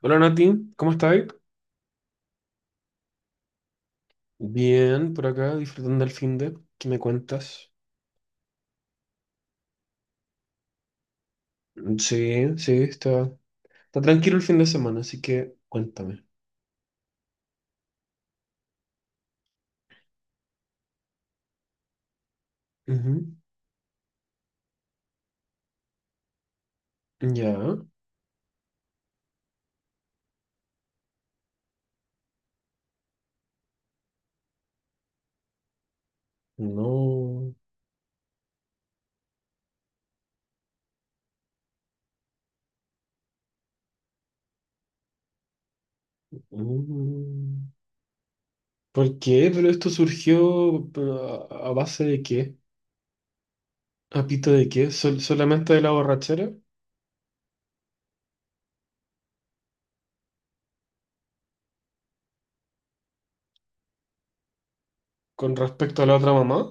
Hola Nati, ¿cómo estás? Bien, por acá, disfrutando el fin de. ¿Qué me cuentas? Sí, sí, está tranquilo el fin de semana, así que cuéntame. Ujú. Ya, no. Mm. ¿Por qué? ¿Pero esto surgió pero, a base de qué? ¿A pito de qué? Solamente de la borrachera? ¿Con respecto a la otra mamá?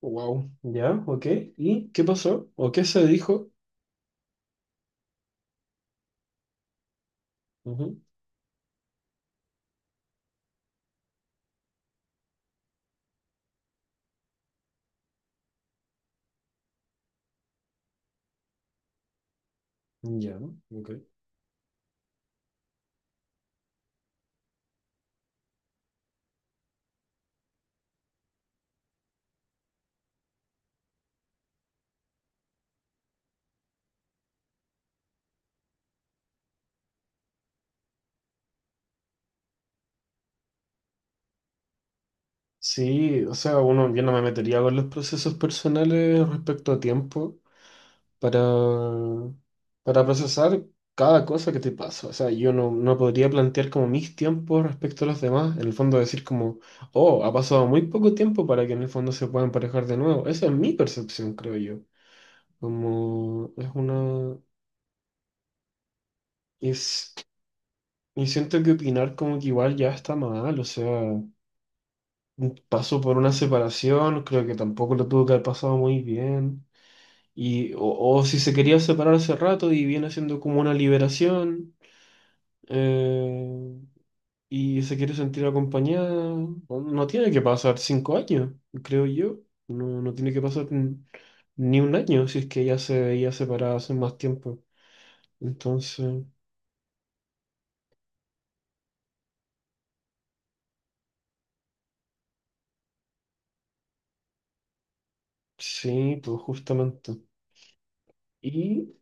Wow, ya, ok. ¿Y qué pasó? ¿O qué se dijo? Ujú. Ya, ok. Sí, o sea, uno, yo no me metería con los procesos personales respecto a tiempo para, para procesar cada cosa que te pasa. O sea, yo no, no podría plantear como mis tiempos respecto a los demás. En el fondo decir como, oh, ha pasado muy poco tiempo para que en el fondo se puedan emparejar de nuevo. Esa es mi percepción, creo yo. Como es una. Es, y siento que opinar como que igual ya está mal. O sea, pasó por una separación, creo que tampoco lo tuvo que haber pasado muy bien. Y, o si se quería separar hace rato y viene siendo como una liberación, eh, y se quiere sentir acompañada, no tiene que pasar 5 años, creo yo. No, no tiene que pasar ni un año si es que ella se veía separada hace más tiempo. Entonces, sí, pues justamente. Y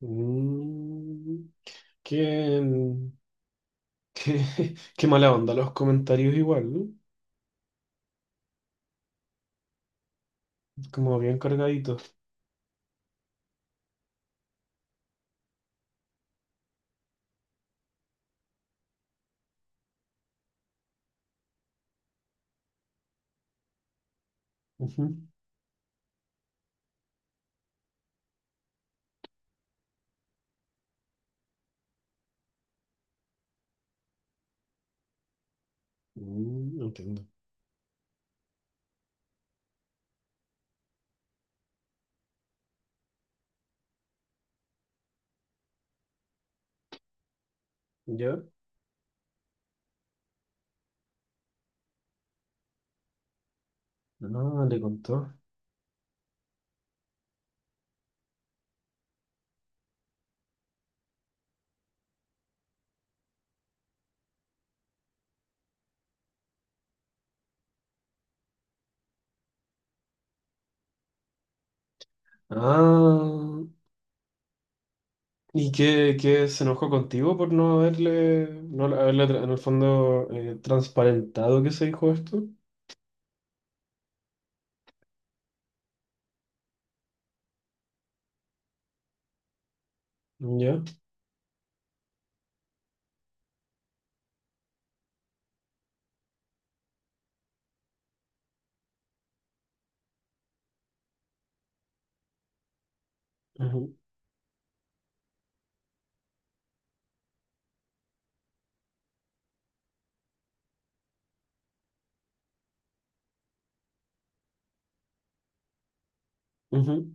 mm, qué, mm, qué, qué mala onda los comentarios igual, ¿no? Como bien cargaditos. Ujú. Entiendo. ¿Ya? No, le contó. Ah, ¿y qué se enojó contigo por no haberle, no haberle en el fondo transparentado que se dijo esto? ¿Ya? Ujú, ujú.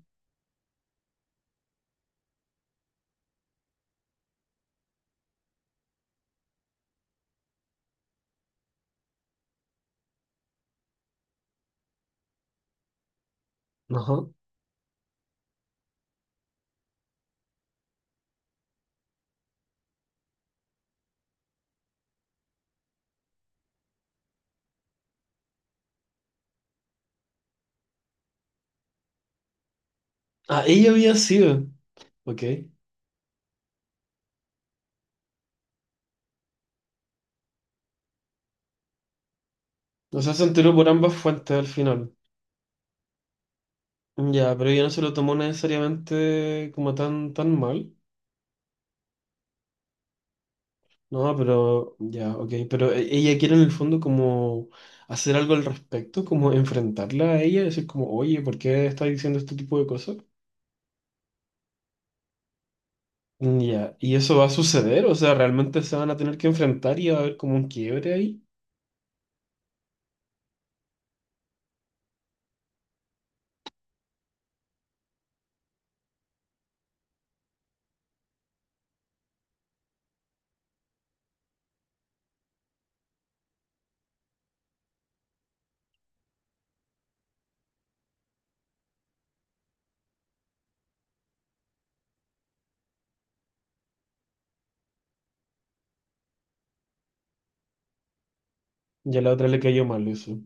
Ajá. Ah, ella había sido. Ok. O sea, se enteró por ambas fuentes al final. Ya, pero ella no se lo tomó necesariamente como tan, tan mal. No, pero ya, ok, pero ella quiere en el fondo como hacer algo al respecto, como enfrentarla a ella, decir como, oye, ¿por qué está diciendo este tipo de cosas? Mm, ya, y eso va a suceder, o sea, realmente se van a tener que enfrentar y va a haber como un quiebre ahí. Ya a la otra le cayó mal eso.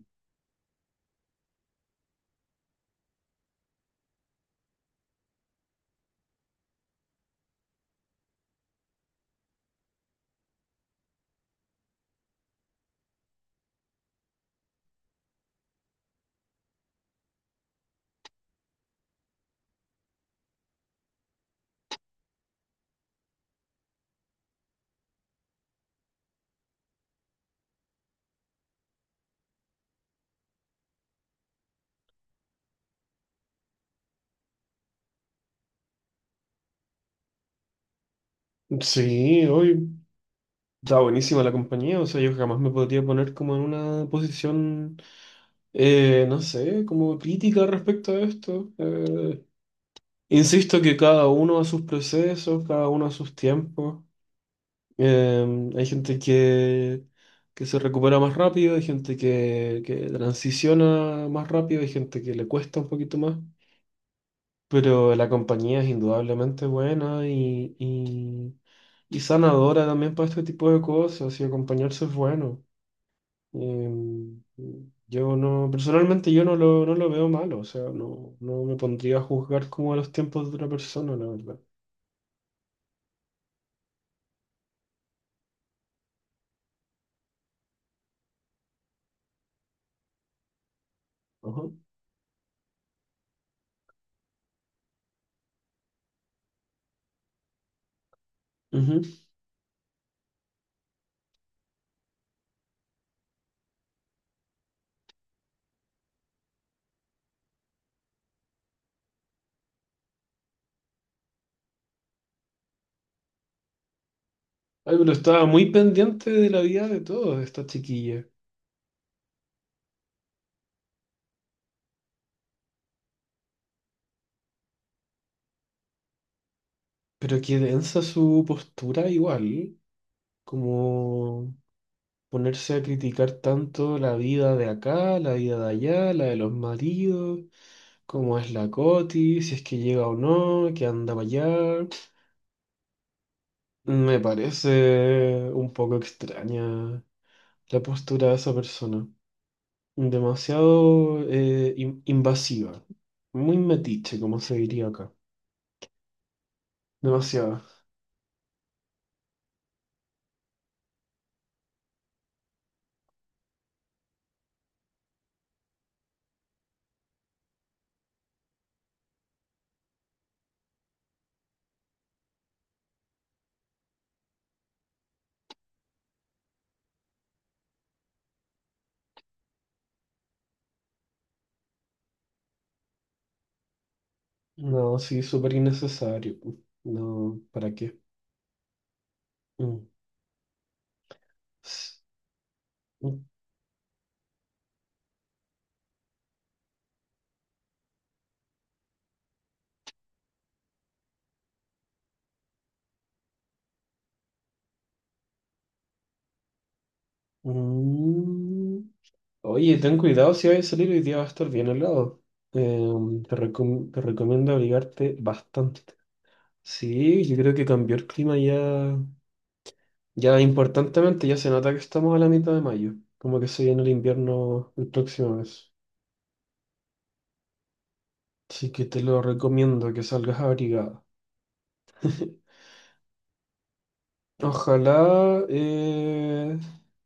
Sí, hoy está buenísima la compañía, o sea, yo jamás me podría poner como en una posición, no sé, como crítica respecto a esto. Insisto que cada uno a sus procesos, cada uno a sus tiempos. Hay gente que, se recupera más rápido, hay gente que, transiciona más rápido, hay gente que le cuesta un poquito más. Pero la compañía es indudablemente buena y sanadora también para este tipo de cosas y acompañarse es bueno. Eh, yo no, personalmente yo no lo, veo malo, o sea, no, no me pondría a juzgar como a los tiempos de otra persona, la verdad. Ajá. Ujú. Ay, pero estaba muy pendiente de la vida de todos esta chiquilla. Pero qué densa su postura igual, como ponerse a criticar tanto la vida de acá, la vida de allá, la de los maridos, cómo es la Coti, si es que llega o no, que anda para allá. Me parece un poco extraña la postura de esa persona. Demasiado invasiva. Muy metiche, como se diría acá. Demasiado. No, sí, súper innecesario. No, ¿para qué? Mm. S- mm. Mm. Oye, ten cuidado si vas a salir hoy día va a estar bien helado. Te te recomiendo abrigarte bastante. Sí, yo creo que cambió el clima ya, ya importantemente, ya se nota que estamos a la mitad de mayo, como que se viene el invierno el próximo mes. Así que te lo recomiendo que salgas abrigada. Ojalá,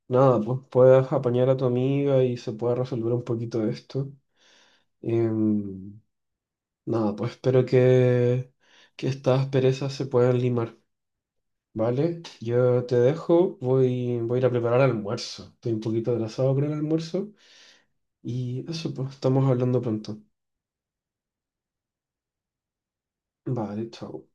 nada, pues puedas apañar a tu amiga y se pueda resolver un poquito de esto. Em, Nada, pues espero que, estas perezas se puedan limar, ¿vale? Yo te dejo, voy a ir a preparar almuerzo. Estoy un poquito atrasado con el almuerzo y eso, pues estamos hablando pronto. Vale, chao.